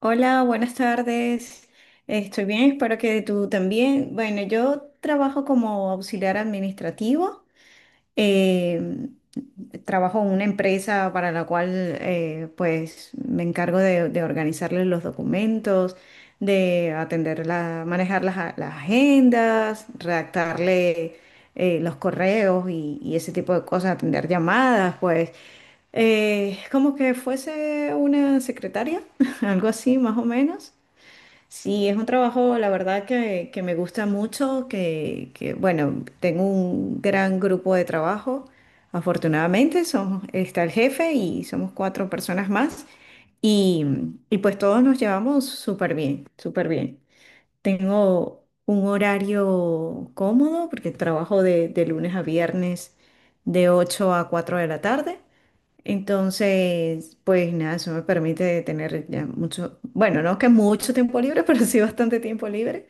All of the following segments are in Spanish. Hola, buenas tardes. Estoy bien, espero que tú también. Bueno, yo trabajo como auxiliar administrativo. eh, Trabajo en una empresa para la cual pues me encargo de organizarles los documentos, de atender la, manejar las, las agendas, redactarle los correos y ese tipo de cosas, atender llamadas, pues como que fuese una secretaria, algo así más o menos. Sí, es un trabajo, la verdad, que me gusta mucho, que, bueno, tengo un gran grupo de trabajo. Afortunadamente, somos, está el jefe y somos cuatro personas más y, y pues todos nos llevamos súper bien, súper bien. Tengo un horario cómodo porque trabajo de lunes a viernes de 8 a 4 de la tarde. Entonces, pues nada, eso me permite tener ya mucho, bueno, no que mucho tiempo libre, pero sí bastante tiempo libre.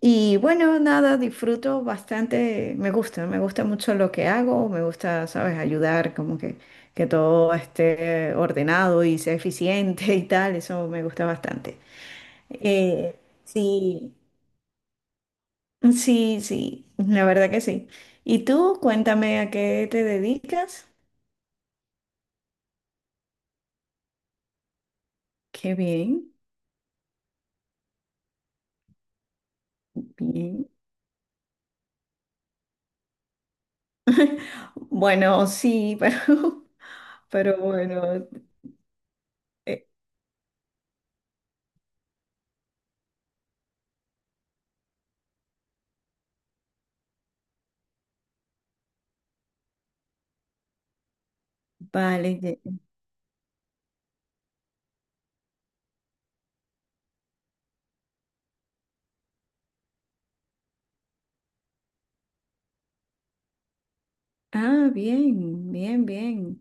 Y bueno, nada, disfruto bastante, me gusta mucho lo que hago, me gusta, sabes, ayudar, como que todo esté ordenado y sea eficiente y tal, eso me gusta bastante. Eh, sí, sí, sí, la verdad que sí. Y tú, cuéntame a qué te dedicas. Qué bien, bien. Bueno, sí, pero bueno, eh, vale. Ah, bien, bien, bien.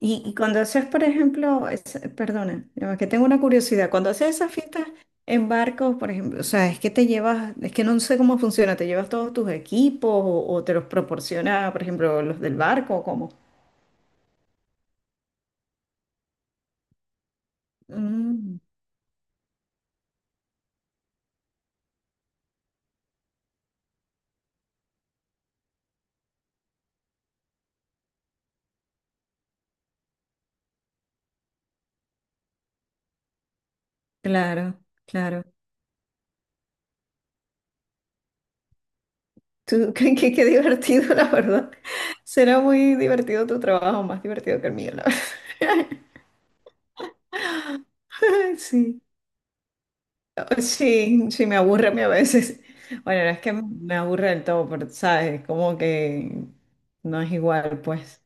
Y cuando haces, por ejemplo, perdona, no, es que tengo una curiosidad, cuando haces esas fiestas en barcos, por ejemplo, o sea, es que te llevas, es que no sé cómo funciona, ¿te llevas todos tus equipos o te los proporciona, por ejemplo, los del barco o cómo? Mm, claro, claro. Tú, qué, qué qué divertido, la verdad. Será muy divertido tu trabajo, más divertido que el mío, la verdad. Sí. Sí, sí, me aburre a mí a veces. Bueno, no es que me aburre del todo, pero sabes, como que no es igual, pues,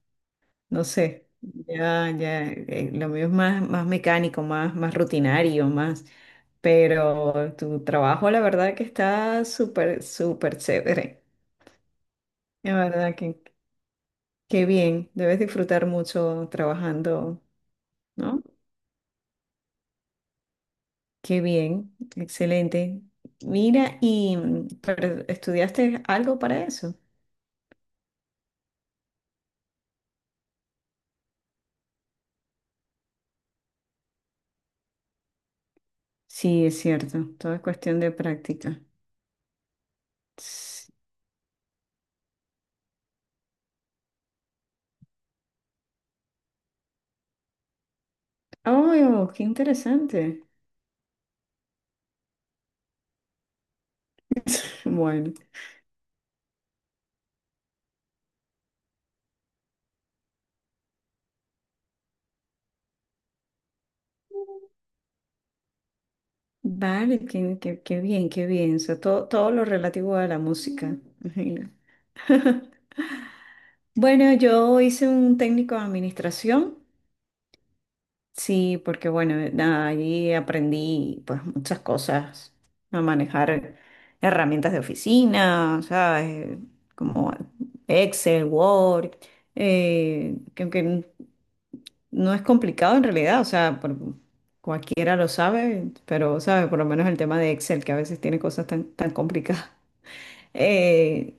no sé. Ya, ya, lo mío es más, más mecánico, más, más rutinario, más. Pero tu trabajo, la verdad que está súper, súper chévere. La verdad que qué bien. Debes disfrutar mucho trabajando, ¿no? Qué bien, excelente. Mira, y pero, ¿estudiaste algo para eso? Sí, es cierto. Todo es cuestión de práctica. Sí. ¡Oh, qué interesante! Bueno, vale, qué, qué bien, qué bien. O sea, todo, todo lo relativo a la música. Imagino. Bueno, yo hice un técnico de administración. Sí, porque bueno, nada, allí aprendí pues muchas cosas a manejar herramientas de oficina, ¿sabes? Como Excel, Word, que no es complicado en realidad, o sea, cualquiera lo sabe, pero, ¿sabes? Por lo menos el tema de Excel, que a veces tiene cosas tan, tan complicadas. Eh,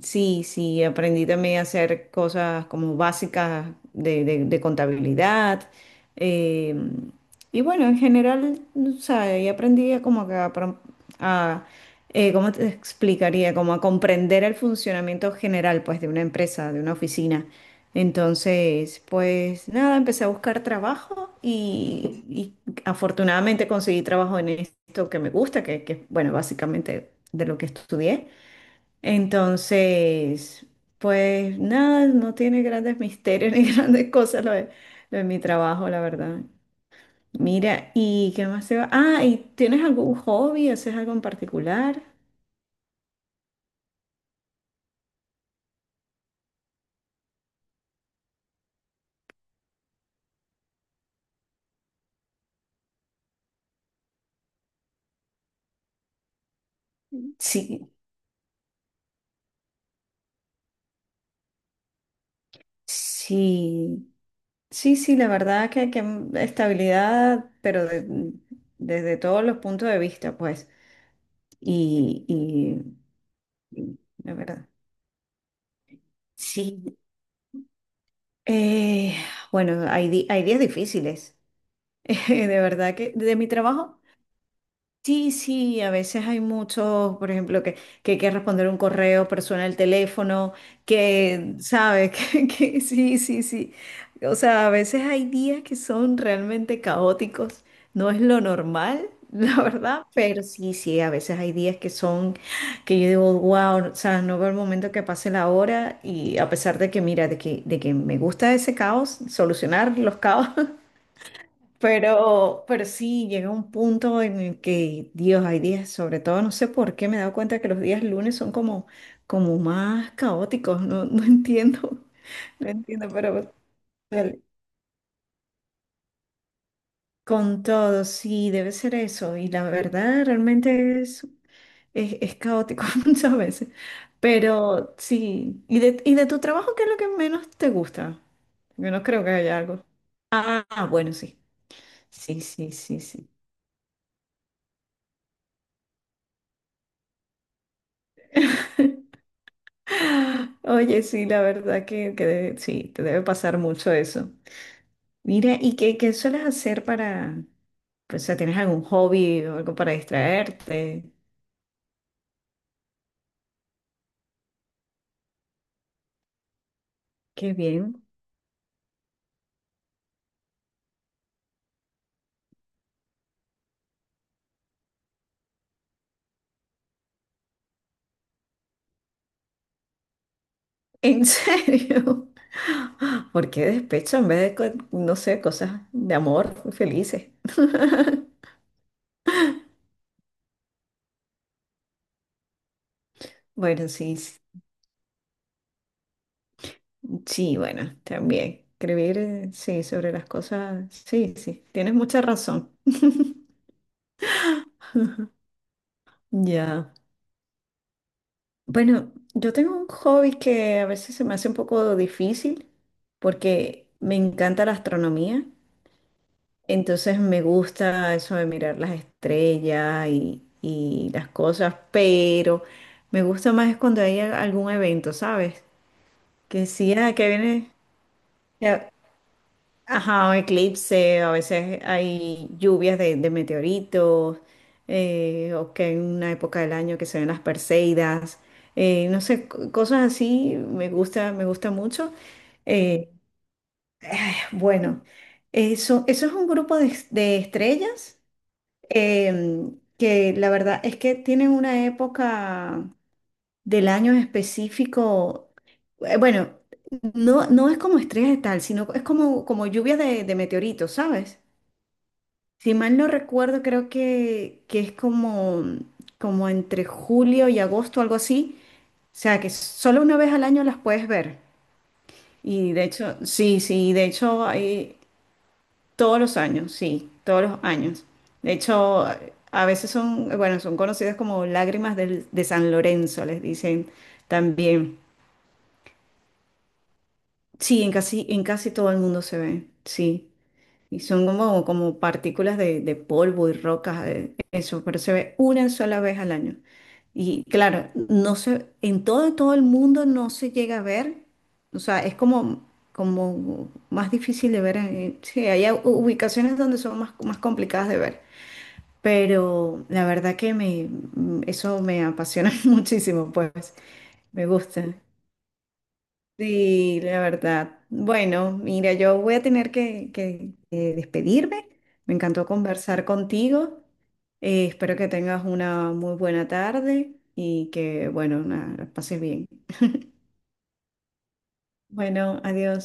sí, sí, aprendí también a hacer cosas como básicas de, de contabilidad. eh, y bueno, en general, o sea, ahí aprendí a como que a, a, ¿cómo te explicaría? Como a comprender el funcionamiento general, pues, de una empresa, de una oficina. Entonces, pues nada, empecé a buscar trabajo y afortunadamente conseguí trabajo en esto que me gusta, que, bueno, básicamente de lo que estudié. Entonces, pues nada, no tiene grandes misterios ni grandes cosas lo de mi trabajo, la verdad. Mira, ¿y qué más se va? Ah, ¿y tienes algún hobby? ¿Haces algo en particular? Sí, sí, sí, sí, la verdad que estabilidad, pero desde todos los puntos de vista, pues. Y, y, y la verdad. Sí. Eh, bueno, hay, hay días difíciles, de verdad que de mi trabajo. Sí, sí, a veces hay muchos, por ejemplo, que hay que responder un correo, persona el teléfono, que, ¿sabes? Que sí, sí, sí. O sea, a veces hay días que son realmente caóticos, no es lo normal, la verdad, pero sí, sí, a veces hay días que son, que yo digo, wow, o sea, no veo el momento que pase la hora y a pesar de que, mira, de que me gusta ese caos, solucionar los caos, pero sí, llega un punto en el que, Dios, hay días, sobre todo, no sé por qué me he dado cuenta que los días lunes son como, como más caóticos, no, no entiendo, no entiendo, pero el- con todo, sí, debe ser eso. Y la verdad, realmente es caótico muchas veces. Pero sí, y de tu trabajo qué es lo que menos te gusta? Yo no creo que haya algo. Ah, bueno, sí. Sí, sí, sí, sí. Oye, sí, la verdad que sí, te debe pasar mucho eso. Mira, ¿y qué, qué sueles hacer para, pues, o sea, tienes algún hobby o algo para distraerte? Qué bien. ¿En serio? ¿Por qué despecho en vez de, no sé, cosas de amor felices? Bueno, sí, sí, bueno, también. Escribir, sí, sobre las cosas, sí, sí, tienes mucha razón. Ya. Bueno, yo tengo un hobby que a veces se me hace un poco difícil porque me encanta la astronomía, entonces me gusta eso de mirar las estrellas y las cosas, pero me gusta más es cuando hay algún evento, ¿sabes? Que sí, ah, que viene, ajá, un eclipse, a veces hay lluvias de meteoritos, o que en una época del año que se ven las Perseidas, no sé, cosas así me gusta mucho. Eh, bueno, eso es un grupo de, de estrellas que la verdad es que tienen una época del año en específico, bueno, no, no es como estrellas de tal, sino es como, como lluvias de meteoritos, ¿sabes? Si mal no recuerdo, creo que es como, como entre julio y agosto, algo así. O sea, que solo una vez al año las puedes ver. Y de hecho, sí, sí, de hecho, hay todos los años, sí, todos los años. De hecho, a veces son, bueno, son conocidas como lágrimas de San Lorenzo, les dicen también. Sí, en casi todo el mundo se ve, sí. Y son como, como partículas de polvo y rocas, eso, pero se ve una sola vez al año. Y claro, no se, en todo, todo el mundo no se llega a ver, o sea, es como, como más difícil de ver. Sí, hay ubicaciones donde son más, más complicadas de ver, pero la verdad que me, eso me apasiona muchísimo, pues me gusta. Sí, la verdad. Bueno, mira, yo voy a tener que, despedirme. Me encantó conversar contigo. Espero que tengas una muy buena tarde y que, bueno, nada, la pases bien. Bueno, adiós.